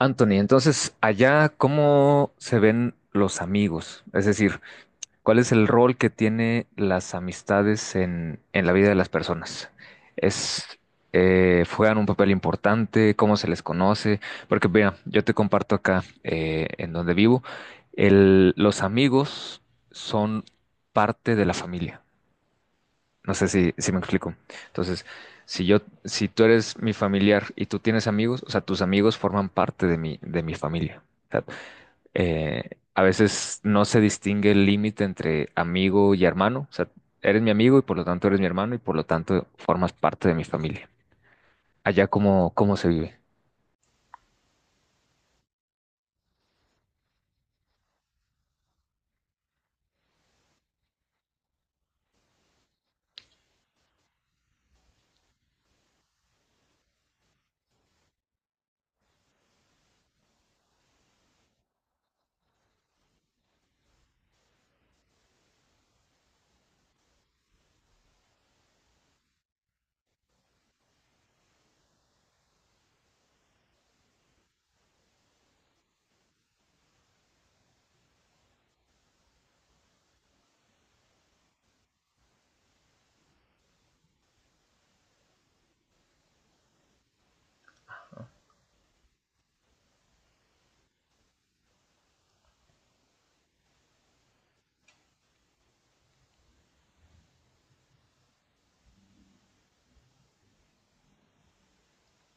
Anthony, entonces, allá, ¿cómo se ven los amigos? Es decir, ¿cuál es el rol que tiene las amistades en la vida de las personas? ¿Es, juegan un papel importante? ¿Cómo se les conoce? Porque, mira, yo te comparto acá, en donde vivo, los amigos son parte de la familia. No sé si me explico. Entonces, si yo, si tú eres mi familiar y tú tienes amigos, o sea, tus amigos forman parte de mi familia. O sea, a veces no se distingue el límite entre amigo y hermano. O sea, eres mi amigo y por lo tanto eres mi hermano y por lo tanto formas parte de mi familia. Allá cómo se vive.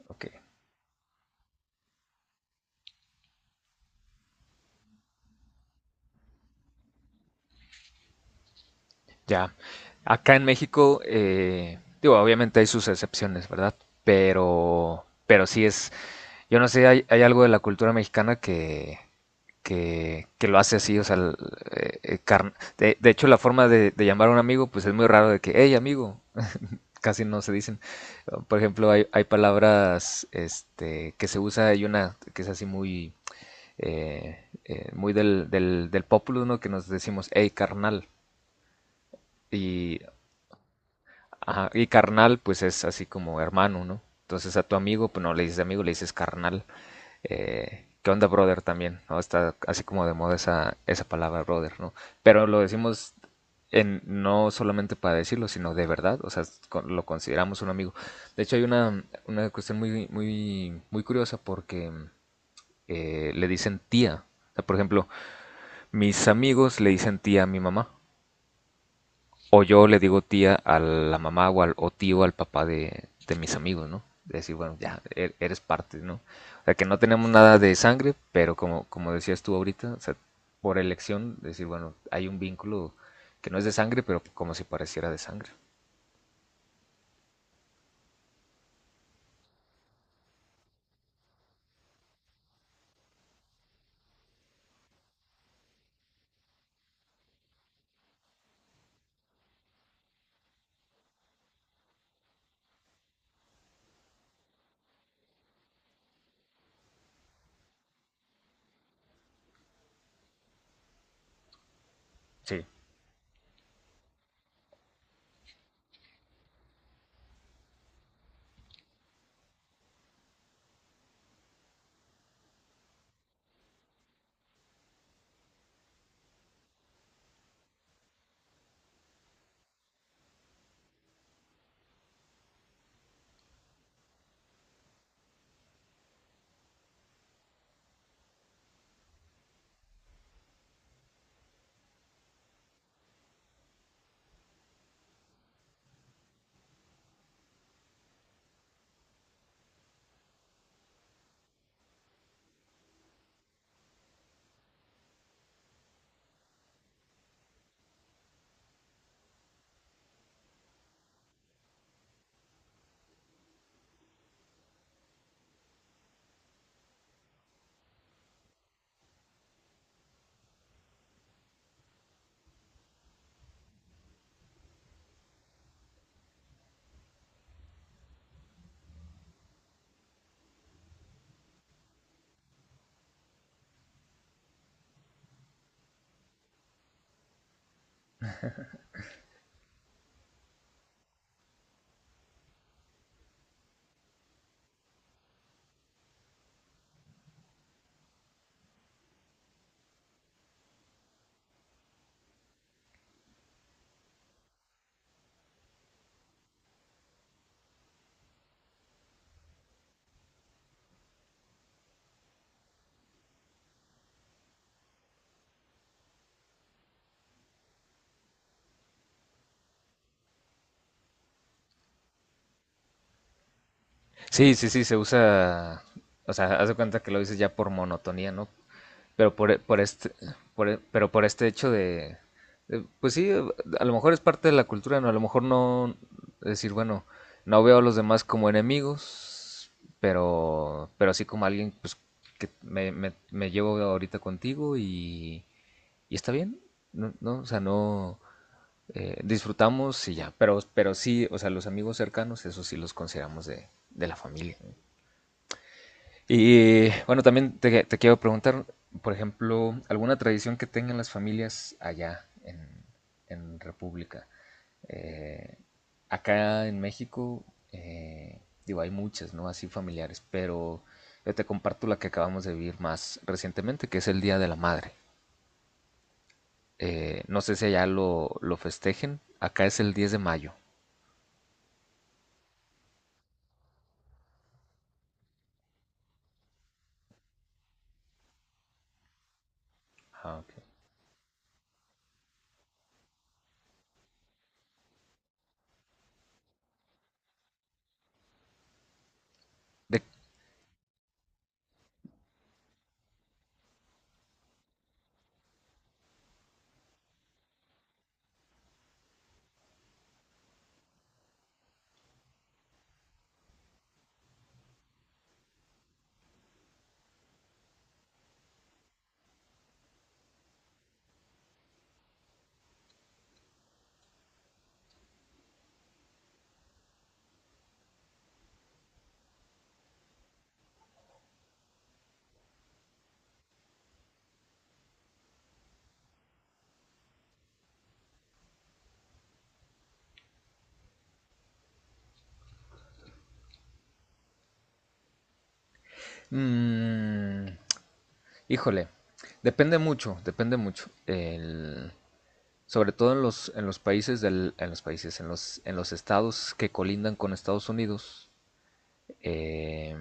Ok, ya. Acá en México, digo, obviamente hay sus excepciones, ¿verdad? Pero sí es, yo no sé, hay algo de la cultura mexicana que lo hace así, o sea, de hecho la forma de llamar a un amigo, pues es muy raro de que, hey amigo, casi no se dicen. Por ejemplo, hay palabras este, que se usa, hay una que es así muy, muy del pópulo, ¿no? Que nos decimos, hey carnal, y, ajá, y carnal pues es así como hermano, ¿no? Entonces a tu amigo, pues no le dices amigo, le dices carnal. ¿Qué onda, brother? También, ¿no? Está así como de moda esa, palabra, brother, ¿no? Pero lo decimos no solamente para decirlo, sino de verdad, o sea, lo consideramos un amigo. De hecho, hay una cuestión muy, muy, muy curiosa porque le dicen tía. O sea, por ejemplo, mis amigos le dicen tía a mi mamá. O yo le digo tía a la mamá o tío al papá de mis amigos, ¿no? De decir, bueno, ya, eres parte, ¿no? O sea, que no tenemos nada de sangre, pero como decías tú ahorita, o sea, por elección, decir, bueno, hay un vínculo que no es de sangre, pero como si pareciera de sangre. Sí. Sí, sí, sí, se usa, o sea, haz de cuenta que lo dices ya por monotonía, ¿no? Pero por este, por e- pero por este hecho pues sí, a lo mejor es parte de la cultura, ¿no? A lo mejor no decir, bueno, no veo a los demás como enemigos, pero sí como alguien, pues, que me llevo ahorita contigo, y está bien, ¿no? No, o sea, no, disfrutamos y ya, pero sí, o sea, los amigos cercanos, eso sí los consideramos de la familia, ¿no? Y bueno, también te quiero preguntar, por ejemplo, alguna tradición que tengan las familias allá en República. Eh, Acá en México, eh, digo, hay muchas, ¿no? Así familiares, pero yo te comparto la que acabamos de vivir más recientemente, que es el Día de la Madre. No sé si allá lo festejen, acá es el 10 de mayo. Ah, ok. De- mm, híjole, depende mucho, depende mucho. Sobre todo en en los países, en los estados que colindan con Estados Unidos, eh,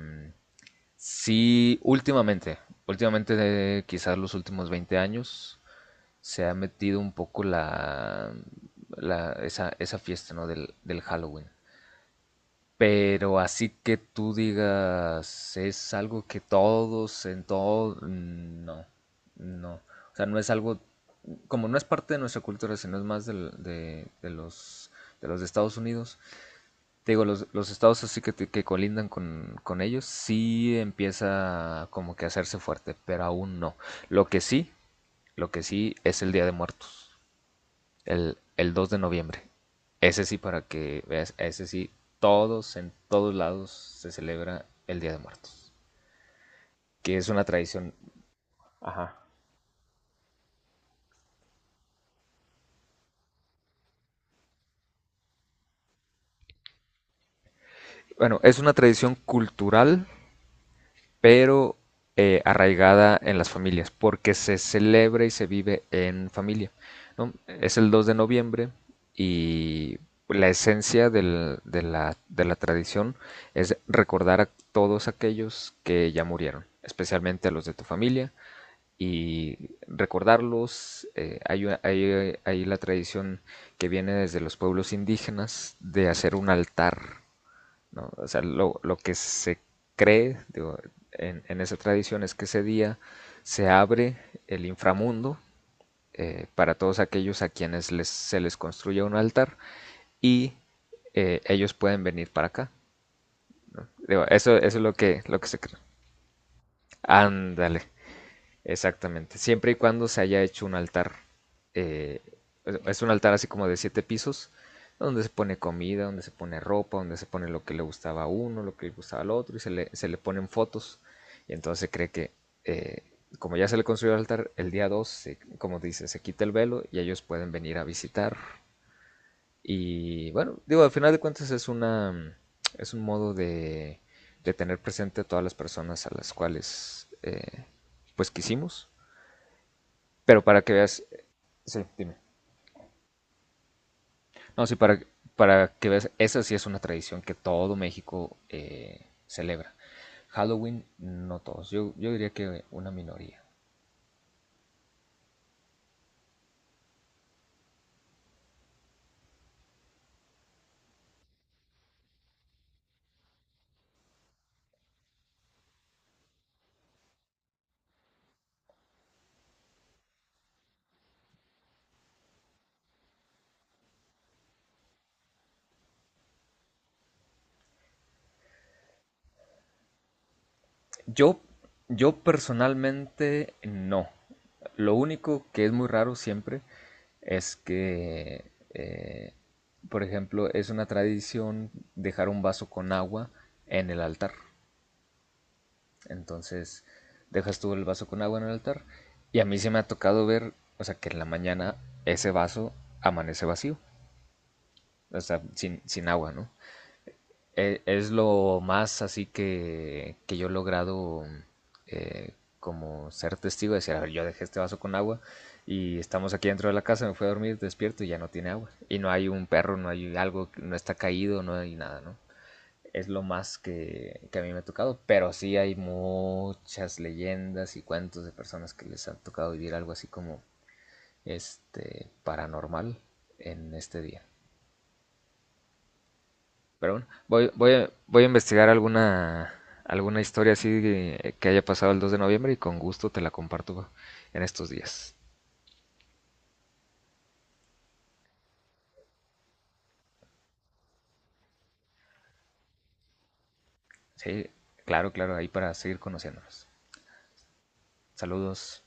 sí, últimamente de quizás los últimos 20 años, se ha metido un poco la, la esa fiesta, ¿no? del Halloween. Pero así que tú digas, es algo que todos en todo... No, no. O sea, no es algo, como no es parte de nuestra cultura, sino es más de los de Estados Unidos. Te digo, los estados así que colindan con ellos, sí empieza como que a hacerse fuerte, pero aún no. Lo que sí, lo que sí es el Día de Muertos. El 2 de noviembre. Ese sí, para que veas, ese sí, en todos lados se celebra el Día de Muertos. Que es una tradición. Ajá. Bueno, es una tradición cultural, pero arraigada en las familias, porque se celebra y se vive en familia, ¿no? Es el 2 de noviembre, y la esencia de la tradición es recordar a todos aquellos que ya murieron, especialmente a los de tu familia, y recordarlos. Hay la tradición que viene desde los pueblos indígenas de hacer un altar, ¿no? O sea, lo que se cree, digo, en esa tradición, es que ese día se abre el inframundo para todos aquellos a quienes se les construye un altar, y ellos pueden venir para acá. Digo, eso es lo que se cree. Ándale, exactamente. Siempre y cuando se haya hecho un altar. eh, es un altar así como de siete pisos, donde se pone comida, donde se pone ropa, donde se pone lo que le gustaba a uno, lo que le gustaba al otro, y se le ponen fotos. Y entonces se cree que, eh, como ya se le construyó el altar, el día 2, como dice, se quita el velo y ellos pueden venir a visitar. Y bueno, digo, al final de cuentas es un modo de tener presente a todas las personas a las cuales, pues quisimos. Pero para que veas... Sí, dime. No, sí, para que veas, esa sí es una tradición que todo México celebra. Halloween, no todos. Yo diría que una minoría. Yo, yo personalmente no. Lo único que es muy raro siempre es que, eh, por ejemplo, es una tradición dejar un vaso con agua en el altar. Entonces dejas tú el vaso con agua en el altar. Y a mí se me ha tocado ver, o sea, que en la mañana ese vaso amanece vacío, o sea, sin agua, ¿no? Es lo más así que yo he logrado, eh, como ser testigo, de decir, a ver, yo dejé este vaso con agua y estamos aquí dentro de la casa, me fui a dormir, despierto y ya no tiene agua. Y no hay un perro, no hay algo, no está caído, no hay nada, ¿no? Es lo más que a mí me ha tocado, pero sí hay muchas leyendas y cuentos de personas que les han tocado vivir algo así como este paranormal en este día. Pero bueno, voy a investigar alguna, alguna historia así que haya pasado el 2 de noviembre, y con gusto te la comparto en estos días. Sí, claro, claro, ahí para seguir conociéndonos. Saludos.